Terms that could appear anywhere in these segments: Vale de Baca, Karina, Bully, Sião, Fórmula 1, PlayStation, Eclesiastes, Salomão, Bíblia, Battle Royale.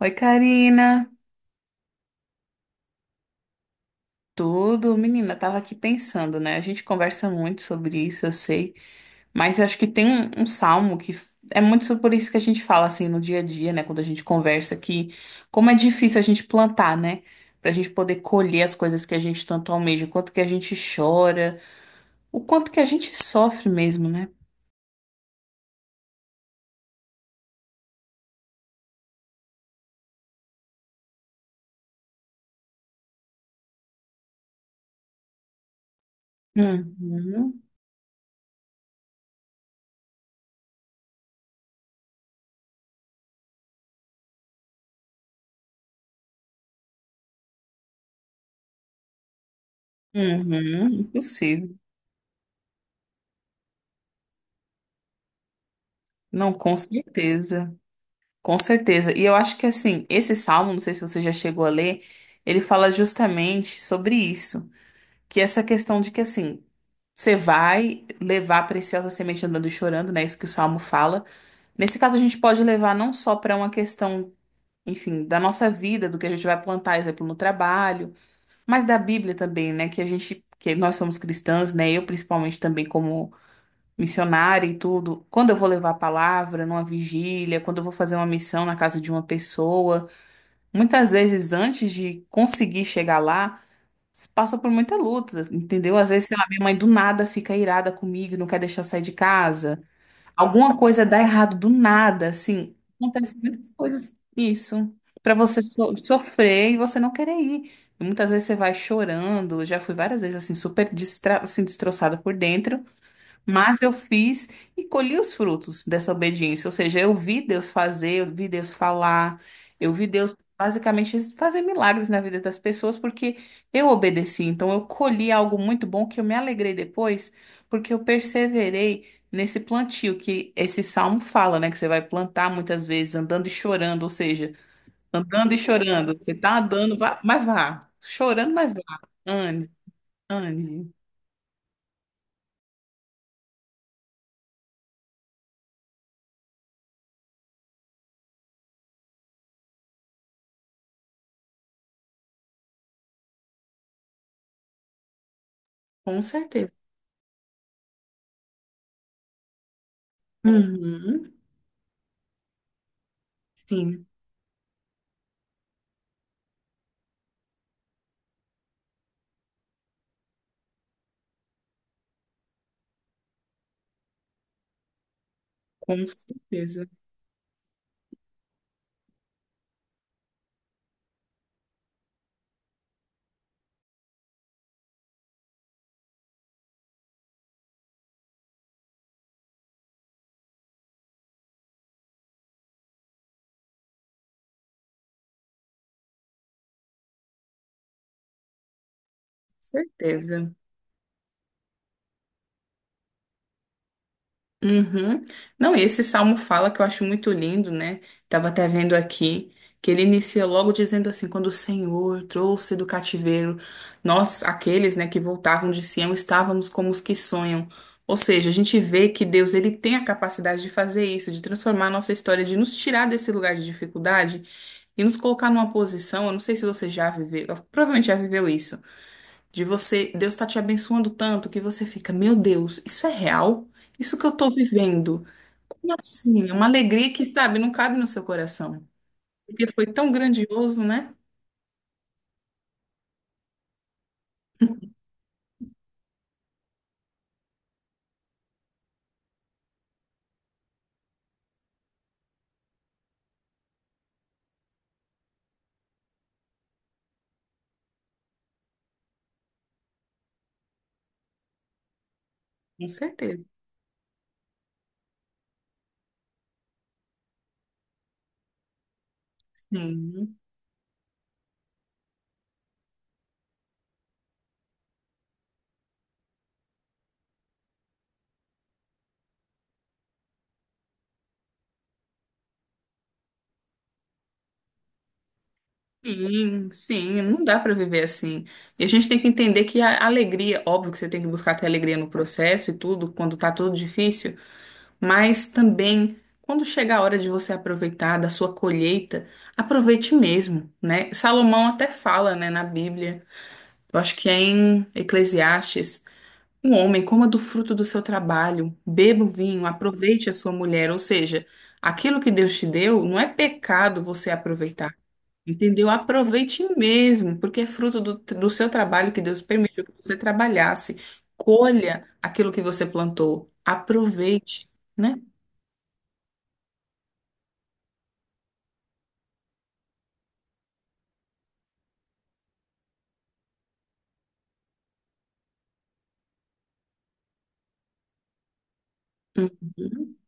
Oi, Karina. Tudo? Menina, tava aqui pensando, né? A gente conversa muito sobre isso, eu sei, mas acho que tem um salmo que é muito por isso que a gente fala assim no dia a dia, né? Quando a gente conversa que como é difícil a gente plantar, né? Pra gente poder colher as coisas que a gente tanto almeja, o quanto que a gente chora, o quanto que a gente sofre mesmo, né? Uhum, uhum, impossível. Não, com certeza. Com certeza. E eu acho que assim, esse salmo, não sei se você já chegou a ler, ele fala justamente sobre isso, que é essa questão de que assim, você vai levar a preciosa semente andando e chorando, né? Isso que o salmo fala. Nesse caso, a gente pode levar não só para uma questão, enfim, da nossa vida, do que a gente vai plantar, exemplo, no trabalho, mas da Bíblia também, né? Que a gente, que nós somos cristãs, né? Eu principalmente também como missionária e tudo, quando eu vou levar a palavra numa vigília, quando eu vou fazer uma missão na casa de uma pessoa, muitas vezes antes de conseguir chegar lá, se passa por muita luta, entendeu? Às vezes, sei lá, minha mãe do nada fica irada comigo, não quer deixar eu sair de casa. Alguma coisa dá errado do nada, assim, acontecem muitas coisas isso, para você sofrer e você não querer ir. Muitas vezes você vai chorando, eu já fui várias vezes assim super distra assim destroçada por dentro. Mas eu fiz e colhi os frutos dessa obediência. Ou seja, eu vi Deus fazer, eu vi Deus falar, eu vi Deus basicamente fazer milagres na vida das pessoas, porque eu obedeci. Então, eu colhi algo muito bom que eu me alegrei depois, porque eu perseverei nesse plantio que esse salmo fala, né? Que você vai plantar muitas vezes andando e chorando. Ou seja, andando e chorando. Você tá andando, mas vá. Chorando, mas vá. Ande, ande. Com certeza. Uhum. Sim. Com certeza, com certeza. Uhum. Não, e esse salmo fala que eu acho muito lindo, né? Tava até vendo aqui que ele inicia logo dizendo assim: quando o Senhor trouxe do cativeiro nós, aqueles, né, que voltavam de Sião, estávamos como os que sonham. Ou seja, a gente vê que Deus ele tem a capacidade de fazer isso, de transformar a nossa história, de nos tirar desse lugar de dificuldade e nos colocar numa posição. Eu não sei se você já viveu, provavelmente já viveu isso. De você, Deus está te abençoando tanto que você fica, meu Deus, isso é real? Isso que eu estou vivendo? Como assim? É uma alegria que, sabe, não cabe no seu coração. Porque foi tão grandioso, né? Com certeza. Sim, sim, sim, não dá para viver assim. E a gente tem que entender que a alegria, óbvio que você tem que buscar ter alegria no processo e tudo, quando tá tudo difícil, mas também quando chega a hora de você aproveitar da sua colheita, aproveite mesmo, né? Salomão até fala, né, na Bíblia. Eu acho que é em Eclesiastes, um homem coma do fruto do seu trabalho, beba o vinho, aproveite a sua mulher. Ou seja, aquilo que Deus te deu, não é pecado você aproveitar. Entendeu? Aproveite mesmo, porque é fruto do seu trabalho que Deus permitiu que você trabalhasse. Colha aquilo que você plantou. Aproveite, né? Uhum,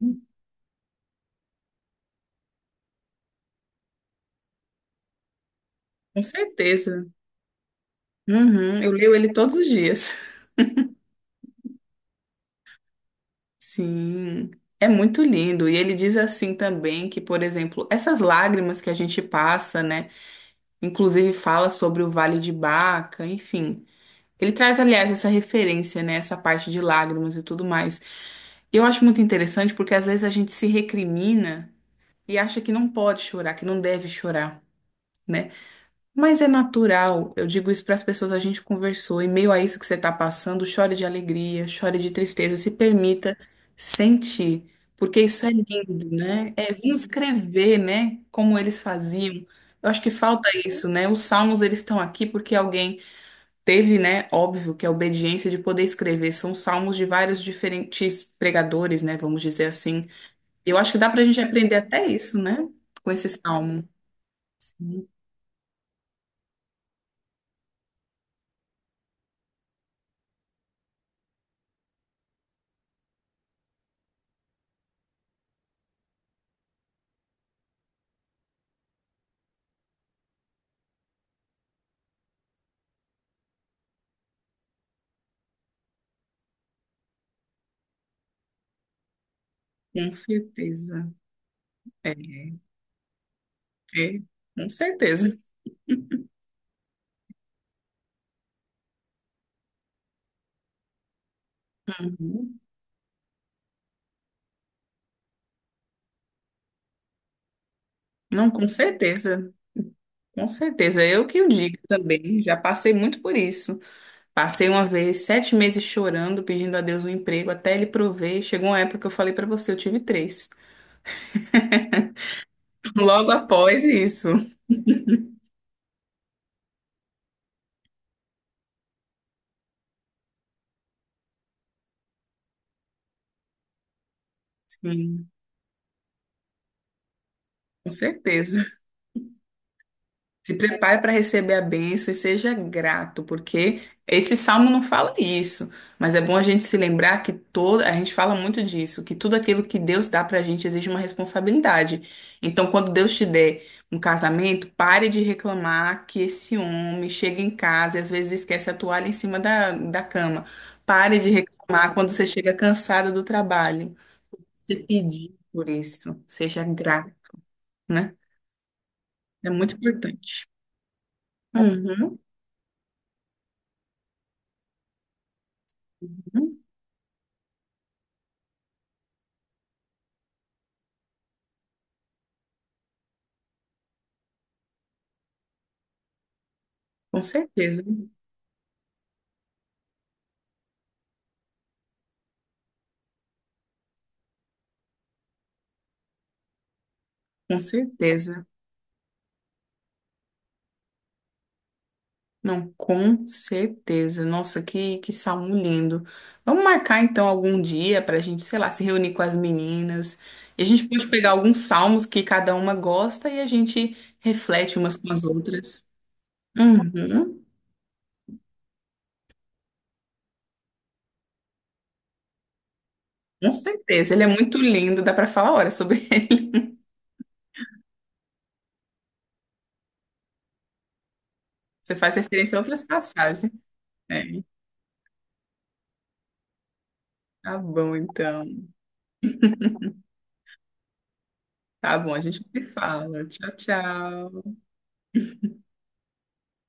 uhum. Com certeza. Uhum, eu leio ele todos os dias. Sim, é muito lindo. E ele diz assim também que, por exemplo, essas lágrimas que a gente passa, né? Inclusive fala sobre o Vale de Baca, enfim. Ele traz, aliás, essa referência, né? Essa parte de lágrimas e tudo mais. Eu acho muito interessante porque às vezes a gente se recrimina e acha que não pode chorar, que não deve chorar, né? Mas é natural, eu digo isso para as pessoas, a gente conversou, em meio a isso que você está passando, chore de alegria, chore de tristeza, se permita sentir, porque isso é lindo, né? É vir escrever, né? Como eles faziam. Eu acho que falta isso, né? Os salmos, eles estão aqui porque alguém teve, né? Óbvio que a obediência de poder escrever. São salmos de vários diferentes pregadores, né? Vamos dizer assim. Eu acho que dá para a gente aprender até isso, né? Com esse salmo. Sim, com certeza. É. É, com certeza. Uhum. Não, com certeza. Com certeza. Eu que o digo também. Já passei muito por isso. Passei uma vez 7 meses chorando, pedindo a Deus um emprego, até ele prover. Chegou uma época que eu falei pra você, eu tive três. Logo após isso. Sim, com certeza. Se prepare para receber a bênção e seja grato, porque esse salmo não fala isso, mas é bom a gente se lembrar que todo, a gente fala muito disso, que tudo aquilo que Deus dá para a gente exige uma responsabilidade. Então, quando Deus te der um casamento, pare de reclamar que esse homem chega em casa e às vezes esquece a toalha em cima da cama. Pare de reclamar quando você chega cansada do trabalho. Se pedir por isso, seja grato, né? É muito importante. Uhum. Com certeza, com certeza. Não, com certeza. Nossa, que salmo lindo. Vamos marcar então algum dia para a gente, sei lá, se reunir com as meninas. E a gente pode pegar alguns salmos que cada uma gosta e a gente reflete umas com as outras. Uhum, com certeza. Ele é muito lindo, dá para falar horas sobre ele. Você faz referência a outras passagens. É, tá bom então. Tá bom, a gente se fala. Tchau, tchau.